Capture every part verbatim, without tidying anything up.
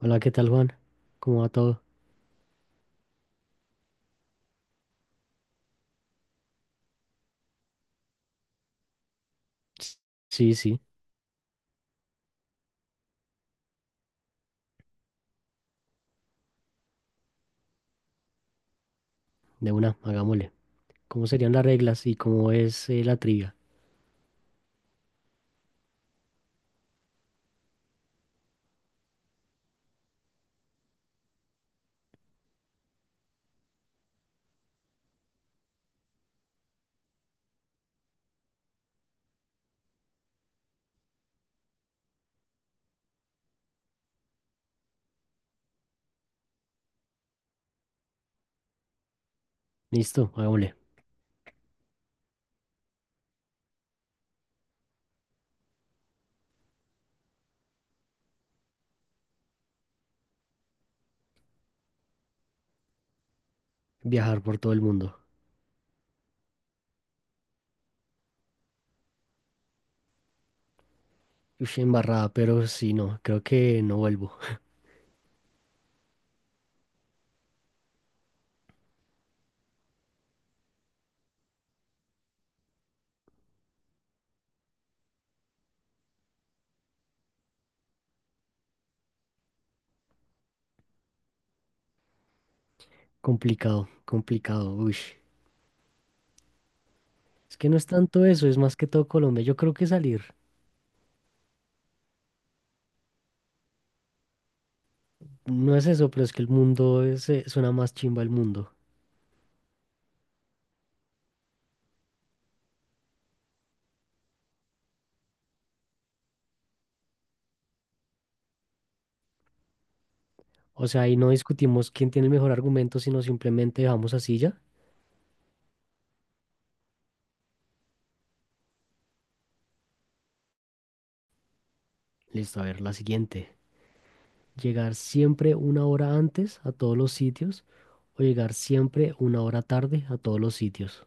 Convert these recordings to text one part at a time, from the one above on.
Hola, ¿qué tal, Juan? ¿Cómo va todo? S- Sí, sí, de una, hagámosle. ¿Cómo serían las reglas y cómo es eh, la trivia? Listo, hagámosle. Viajar por todo el mundo. Uy, embarrada, pero sí, no, creo que no vuelvo. Complicado, complicado, uy. Es que no es tanto eso, es más que todo Colombia. Yo creo que salir, no es eso, pero es que el mundo es, eh, suena más chimba el mundo. O sea, ahí no discutimos quién tiene el mejor argumento, sino simplemente dejamos así ya. Listo, a ver, la siguiente. Llegar siempre una hora antes a todos los sitios o llegar siempre una hora tarde a todos los sitios.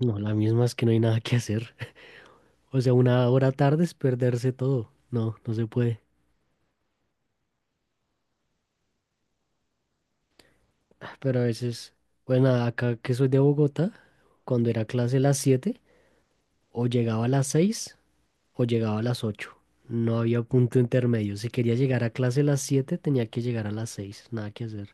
No, la misma es que no hay nada que hacer. O sea, una hora tarde es perderse todo. No, no se puede. Ah, pero a veces, bueno, acá que soy de Bogotá, cuando era clase a las siete o llegaba a las seis o llegaba a las ocho. No había punto intermedio. Si quería llegar a clase a las siete, tenía que llegar a las seis. Nada que hacer.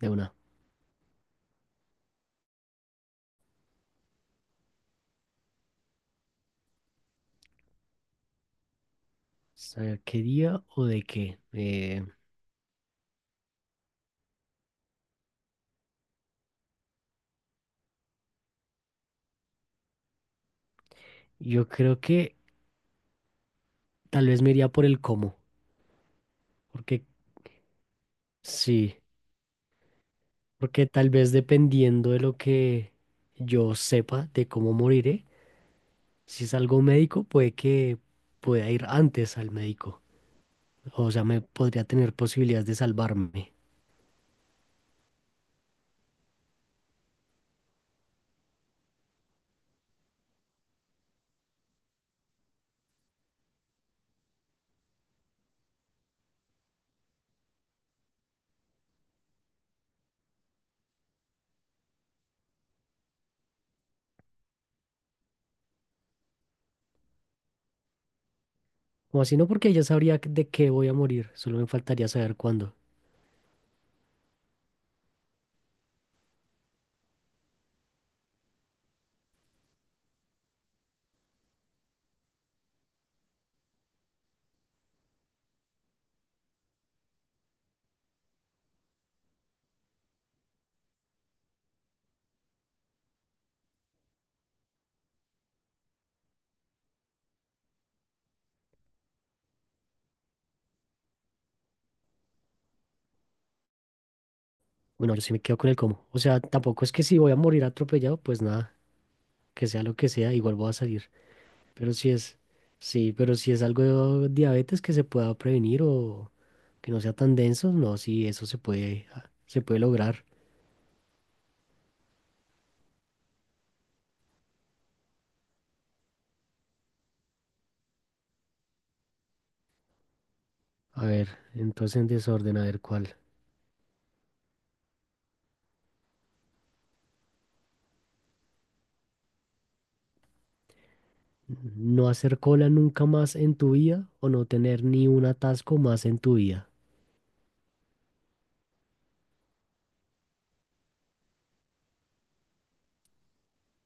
De una. O sea, ¿qué día o de qué? Eh, yo creo que tal vez me iría por el cómo, porque sí, porque tal vez dependiendo de lo que yo sepa de cómo moriré, si es algo médico, puede que pueda ir antes al médico. O sea, me podría tener posibilidades de salvarme. O así no, porque ya sabría de qué voy a morir, solo me faltaría saber cuándo. Bueno, yo sí me quedo con el cómo. O sea, tampoco es que si voy a morir atropellado, pues nada, que sea lo que sea, igual voy a salir. Pero si es, sí, pero si es algo de diabetes que se pueda prevenir o que no sea tan denso, no, sí, eso se puede, ah, se puede lograr. A ver, entonces en desorden, a ver cuál. No hacer cola nunca más en tu vida o no tener ni un atasco más en tu vida.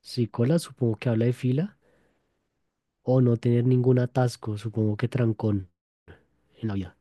Si cola, supongo que habla de fila, o no tener ningún atasco, supongo que trancón en la vida.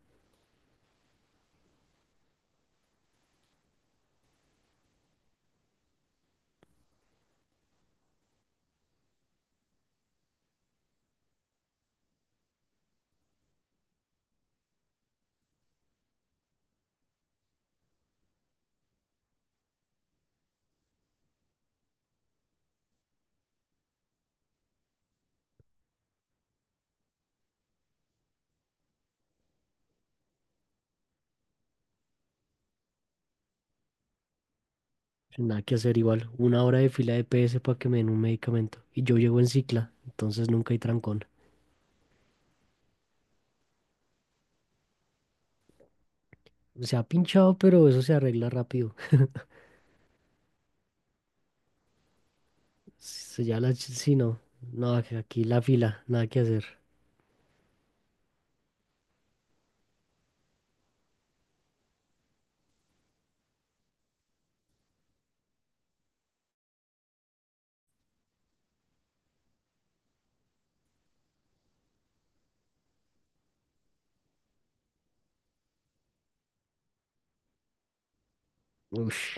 Nada que hacer, igual una hora de fila de P S para que me den un medicamento. Y yo llego en cicla, entonces nunca hay trancón. Se ha pinchado, pero eso se arregla rápido. Se ya la... ch- Sí, no. No, aquí la fila, nada que hacer. Uf,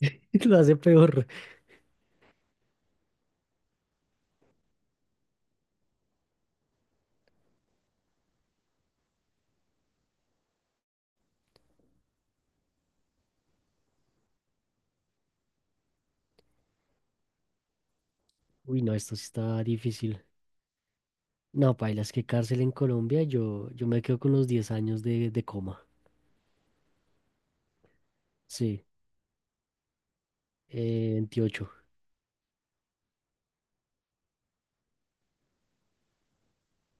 lo hace peor. Uy, no, esto sí está difícil. No, paila, es que cárcel en Colombia, yo, yo me quedo con los diez años de, de coma. Sí, eh, veintiocho,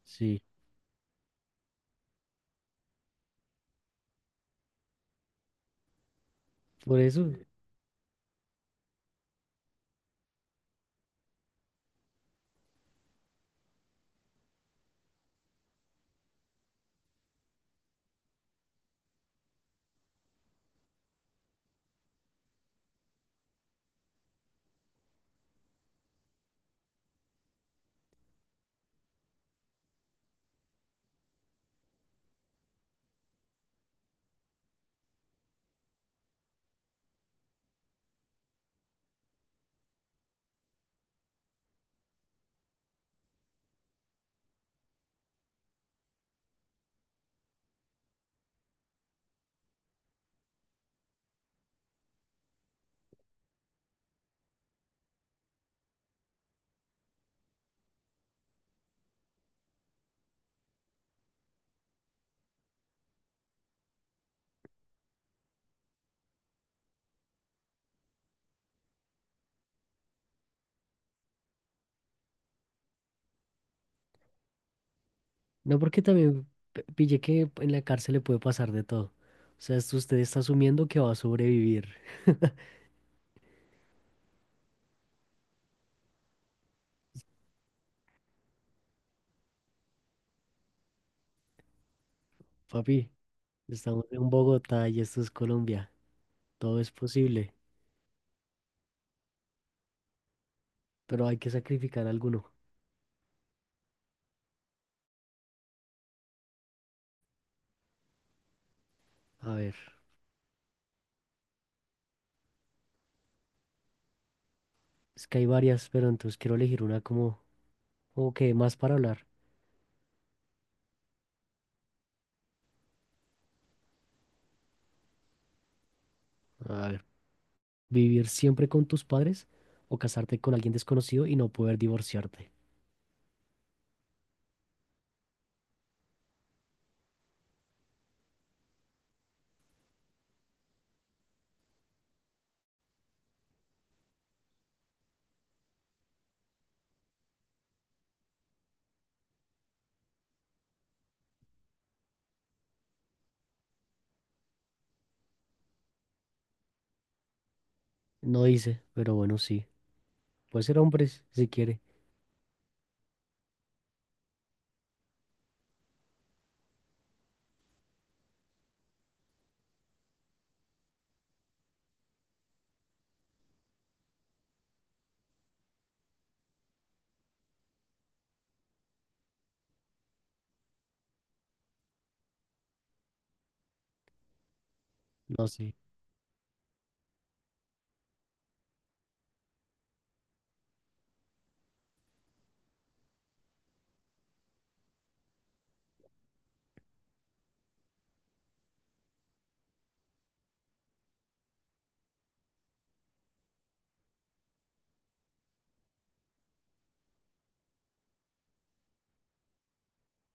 sí. Por eso, no, porque también p- pillé que en la cárcel le puede pasar de todo. O sea, esto usted está asumiendo que va a sobrevivir. Papi, estamos en Bogotá y esto es Colombia. Todo es posible, pero hay que sacrificar alguno. A ver, es que hay varias, pero entonces quiero elegir una como, como que dé más para hablar. A ver. ¿Vivir siempre con tus padres o casarte con alguien desconocido y no poder divorciarte? No dice, pero bueno, sí. Puede ser hombres, si quiere. No, sí.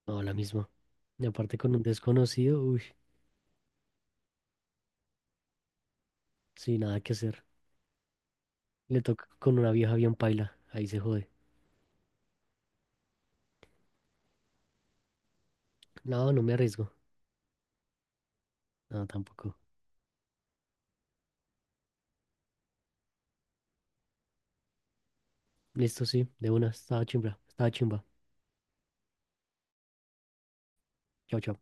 No, la misma. Y aparte con un desconocido, uy, sin nada que hacer. Le toca con una vieja bien paila. Ahí se jode. No, no me arriesgo. No, tampoco. Listo, sí. De una. Estaba chimba. Estaba chimba. Chao, chao.